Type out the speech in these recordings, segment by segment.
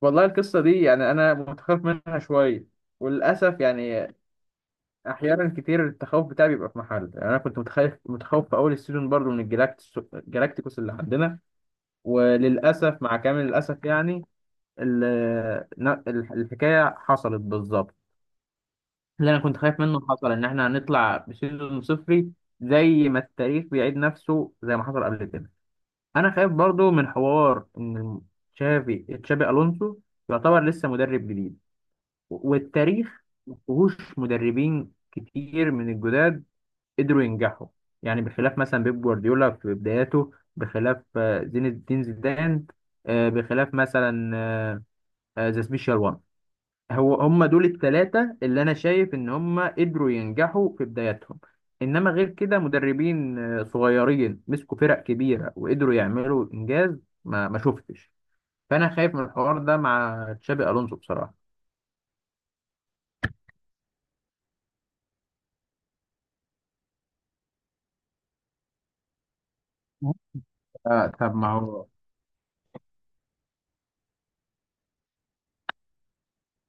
والله القصة دي يعني أنا متخوف منها شوية، وللأسف يعني. أحيانا كتير التخوف بتاعي بيبقى في محل، يعني أنا كنت متخوف في أول السيزون برضو من الجلاكتيكوس اللي عندنا. وللأسف مع كامل الأسف يعني الحكاية حصلت بالظبط. اللي أنا كنت خايف منه حصل، إن إحنا هنطلع بسيزون صفري، زي ما التاريخ بيعيد نفسه زي ما حصل قبل كده. أنا خايف برضو من حوار إن تشابي ألونسو يعتبر لسه مدرب جديد، والتاريخ ما فيهوش مدربين كتير من الجداد قدروا ينجحوا. يعني بخلاف مثلا بيب جوارديولا في بداياته، بخلاف زين الدين زيدان، بخلاف مثلا ذا سبيشال وان. هو هم دول الثلاثة اللي أنا شايف إن هم قدروا ينجحوا في بداياتهم. إنما غير كده مدربين صغيرين مسكوا فرق كبيرة وقدروا يعملوا إنجاز ما شفتش. فأنا خايف من الحوار ده مع تشابي ألونسو بصراحة. طب ما هو.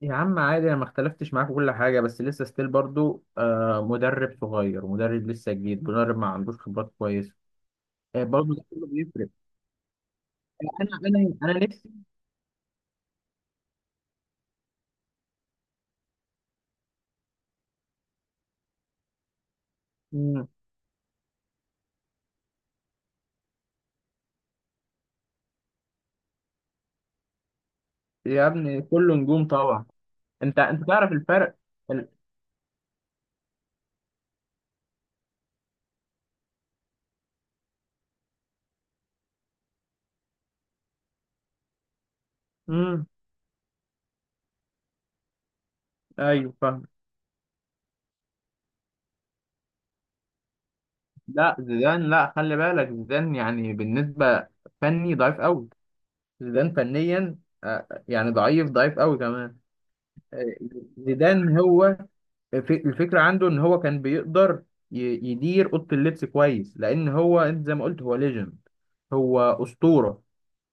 يا عم عادي، انا ما اختلفتش معاك في كل حاجه، بس لسه ستيل برضو مدرب صغير، مدرب لسه جديد، مدرب ما عندوش خبرات كويسه. برضو ده كله بيفرق. انا نفسي. مم. يا ابني كله نجوم طبعا. انت تعرف الفرق ال... مم. ايوه فاهم. لا زيدان، لا خلي بالك، زيدان يعني بالنسبه فني ضعيف قوي. زيدان فنيا يعني ضعيف ضعيف قوي كمان. آه، زيدان هو الفكرة عنده إن هو كان بيقدر ي- يدير أوضة اللبس كويس، لأن هو، أنت زي ما قلت، هو ليجند، هو أسطورة.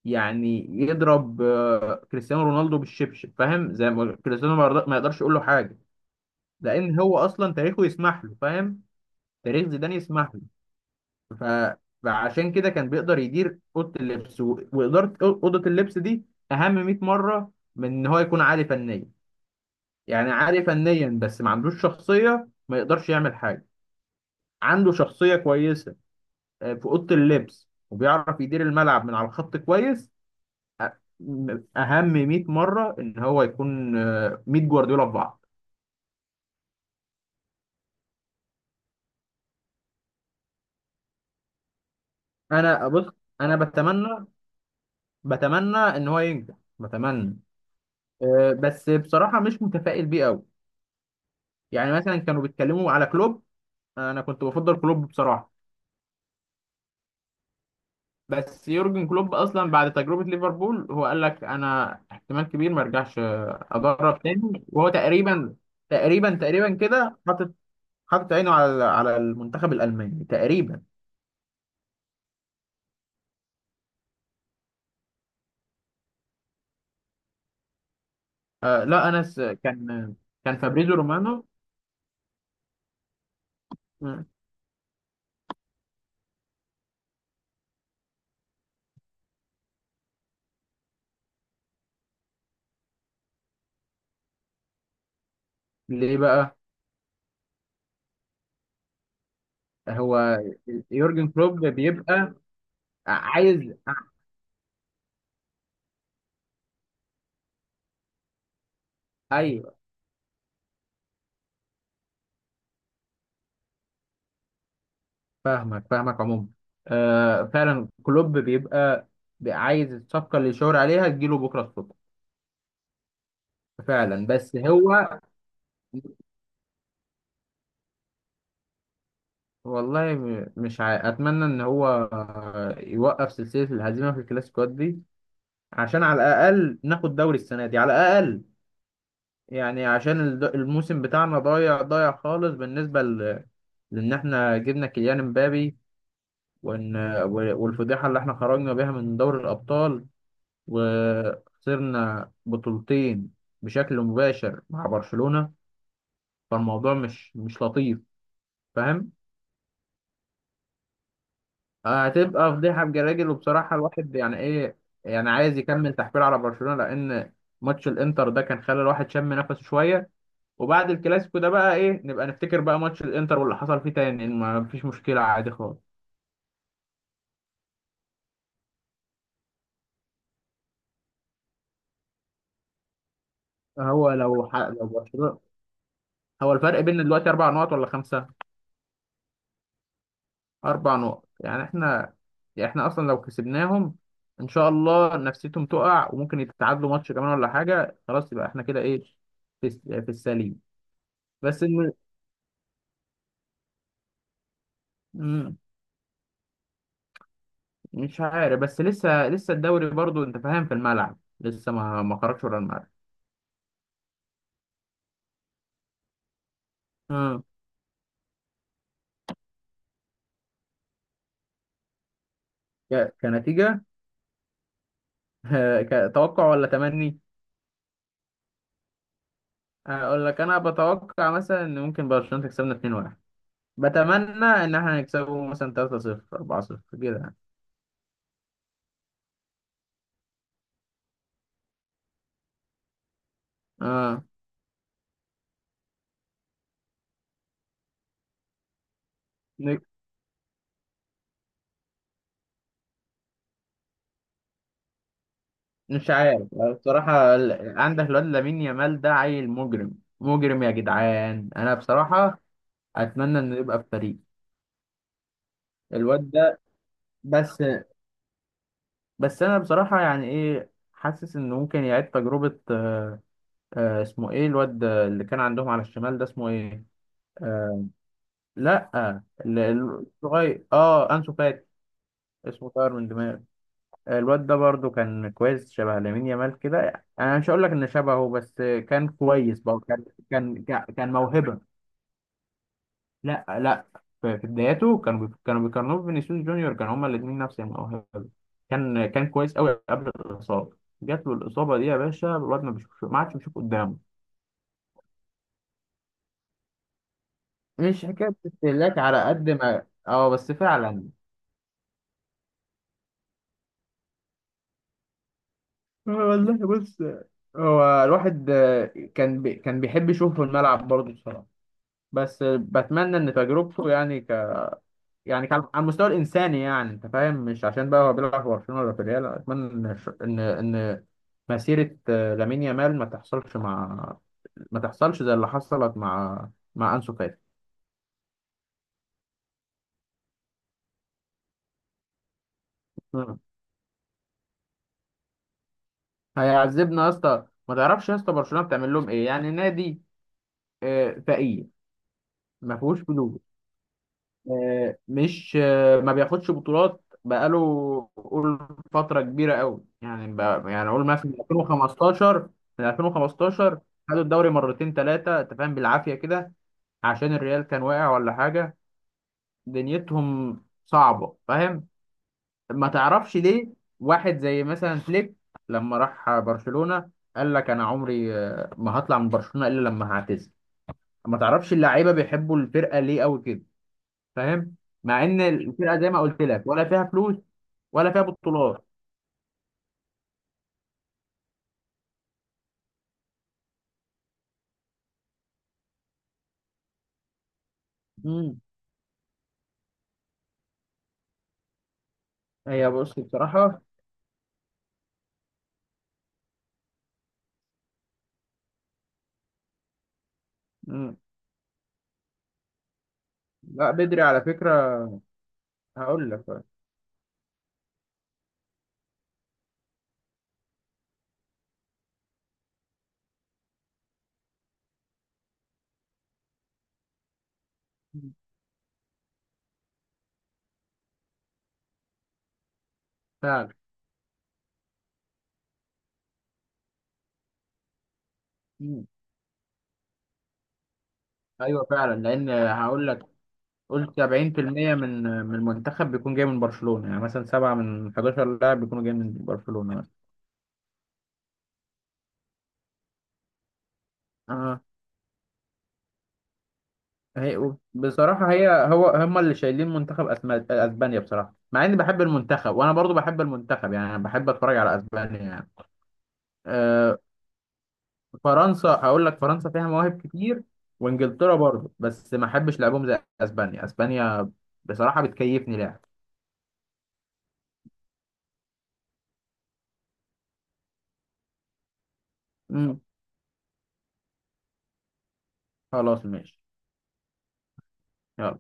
يعني يضرب كريستيانو رونالدو بالشبشب، فاهم، زي ما كريستيانو ما يقدرش يقول له حاجة، لأن هو أصلا تاريخه يسمح له، فاهم، تاريخ زيدان يسمح له. ف... فعشان كده كان بيقدر يدير أوضة اللبس وإدارة أوضة اللبس دي أهم 100 مرة من إن هو يكون عالي فنيا. يعني عالي فنيا بس ما عندوش شخصية ما يقدرش يعمل حاجة. عنده شخصية كويسة في أوضة اللبس وبيعرف يدير الملعب من على الخط كويس، أ- أهم 100 مرة إن هو يكون 100 جوارديولا في بعض. أنا بص أنا بتمنى إن هو ينجح، بتمنى. بس بصراحة مش متفائل بيه أوي. يعني مثلا كانوا بيتكلموا على كلوب، أنا كنت بفضل كلوب بصراحة. بس يورجن كلوب اصلا بعد تجربه ليفربول هو قال لك انا احتمال كبير ما ارجعش ادرب تاني. وهو تقريبا كده حاطط عينه على المنتخب الالماني تقريبا. لا، كان فابريزو رومانو. آه، ليه بقى؟ هو يورجن كلوب بيبقى عايز. ايوه، فاهمك فاهمك عموما. فعلا كلوب بيبقى عايز الصفقه اللي يشاور عليها تجيله بكره الصبح. فعلا بس هو. والله م- مش عا... اتمنى ان هو يوقف سلسله الهزيمه في الكلاسيكوات دي عشان على الاقل ناخد دوري السنه دي على الاقل. يعني عشان الموسم بتاعنا ضايع ضايع خالص لان احنا جبنا كيليان امبابي، وان والفضيحه اللي احنا خرجنا بيها من دوري الابطال وخسرنا بطولتين بشكل مباشر مع برشلونه. فالموضوع مش لطيف، فاهم. هتبقى فضيحه بجراجل، وبصراحه الواحد يعني ايه. يعني عايز يكمل تحفيل على برشلونه لان ماتش الانتر ده كان خلى الواحد شم نفسه شويه. وبعد الكلاسيكو ده بقى ايه، نبقى نفتكر بقى ماتش الانتر واللي حصل فيه تاني، إن ما فيش مشكله، عادي خالص. هو لو برشلونه، هو الفرق بيننا دلوقتي اربع نقط ولا خمسه. اربع نقط. يعني احنا اصلا لو كسبناهم، ان شاء الله نفسيتهم تقع وممكن يتعادلوا ماتش كمان ولا حاجه، خلاص يبقى احنا كده ايه، في السليم. بس الم... مش عارف، بس لسه الدوري برضو انت فاهم في الملعب، لسه ما خرجش ورا الملعب. امم. كنتيجة كتوقع ولا تمني؟ اقول لك انا بتوقع مثلا ان ممكن برشلونة تكسبنا 2-1، بتمنى ان احنا نكسبه مثلا 3-0 4-0 كده يعني. اه. ن- مش عارف بصراحة، عندك الواد لامين يامال ده عيل مجرم، مجرم يا جدعان، انا بصراحة اتمنى انه يبقى في فريق. الواد ده بس بس انا بصراحه يعني ايه، حاسس انه ممكن يعيد تجربه. اسمه ايه الواد اللي كان عندهم على الشمال ده، اسمه ايه؟ آه لا، الصغير، انسو فاتي. اسمه طاير من دماغي. الواد ده برضو كان كويس، شبه لامين يامال كده يعني. انا مش هقول لك ان شبهه، بس كان كويس بقى. كان كان كان موهبه. لا، لا، في بداياته كانوا بيقارنوه بفينيسيوس جونيور، كانوا هما الاثنين نفس الموهبه. كان كويس قوي قبل الاصابه. جات له الاصابه دي يا باشا، الواد ما بيشوفش، ما عادش بيشوف قدامه. مش حكايه استهلاك على قد ما، اه، بس فعلا. والله بص، هو الواحد كان بيحب يشوفه في الملعب برضه بصراحه. بس بتمنى ان تجربته يعني، يعني كان على المستوى الانساني يعني انت فاهم، مش عشان بقى هو بيلعب في برشلونه ولا في الريال، اتمنى ان ان ان مسيره لامين يامال ما تحصلش زي اللي حصلت مع انسو فاتي. مم. هيعذبنا يا اسطى، ما تعرفش يا اسطى برشلونه بتعمل لهم ايه. يعني نادي فقير، ما فيهوش فلوس، آه، مش آه، ما بياخدش بطولات بقاله قول فترة كبيرة قوي، يعني بقى يعني قول مثلا من 2015 خدوا الدوري مرتين ثلاثة، انت فاهم، بالعافية كده، عشان الريال كان واقع ولا حاجة. دنيتهم صعبة، فاهم. ما تعرفش ليه، واحد زي مثلا فليك لما راح برشلونة قال لك انا عمري ما هطلع من برشلونة الا لما هعتزل. ما تعرفش اللعيبة بيحبوا الفرقة ليه قوي كده، فاهم، مع ان الفرقه زي ما قلت لك، ولا فيها فلوس ولا فيها بطولات. مم. هي بص بصراحه. مم. لا بدري على فكره، هقول لك. فعلا. مم. ايوه فعلا، لان هقول لك، قلت 70% من المنتخب بيكون جاي من برشلونه، يعني مثلا سبعه من 11 لاعب بيكونوا جاي من برشلونه مثلا. اه. هي بصراحه، هي هو هم اللي شايلين منتخب اسبانيا بصراحه، مع اني بحب المنتخب، وانا برضو بحب المنتخب، يعني انا بحب اتفرج على اسبانيا يعني. آه، فرنسا هقول لك فرنسا فيها مواهب كتير، وانجلترا برضه، بس ما احبش لعبهم زي اسبانيا. اسبانيا بصراحة بتكيفني لعب. مم. خلاص ماشي. يلا.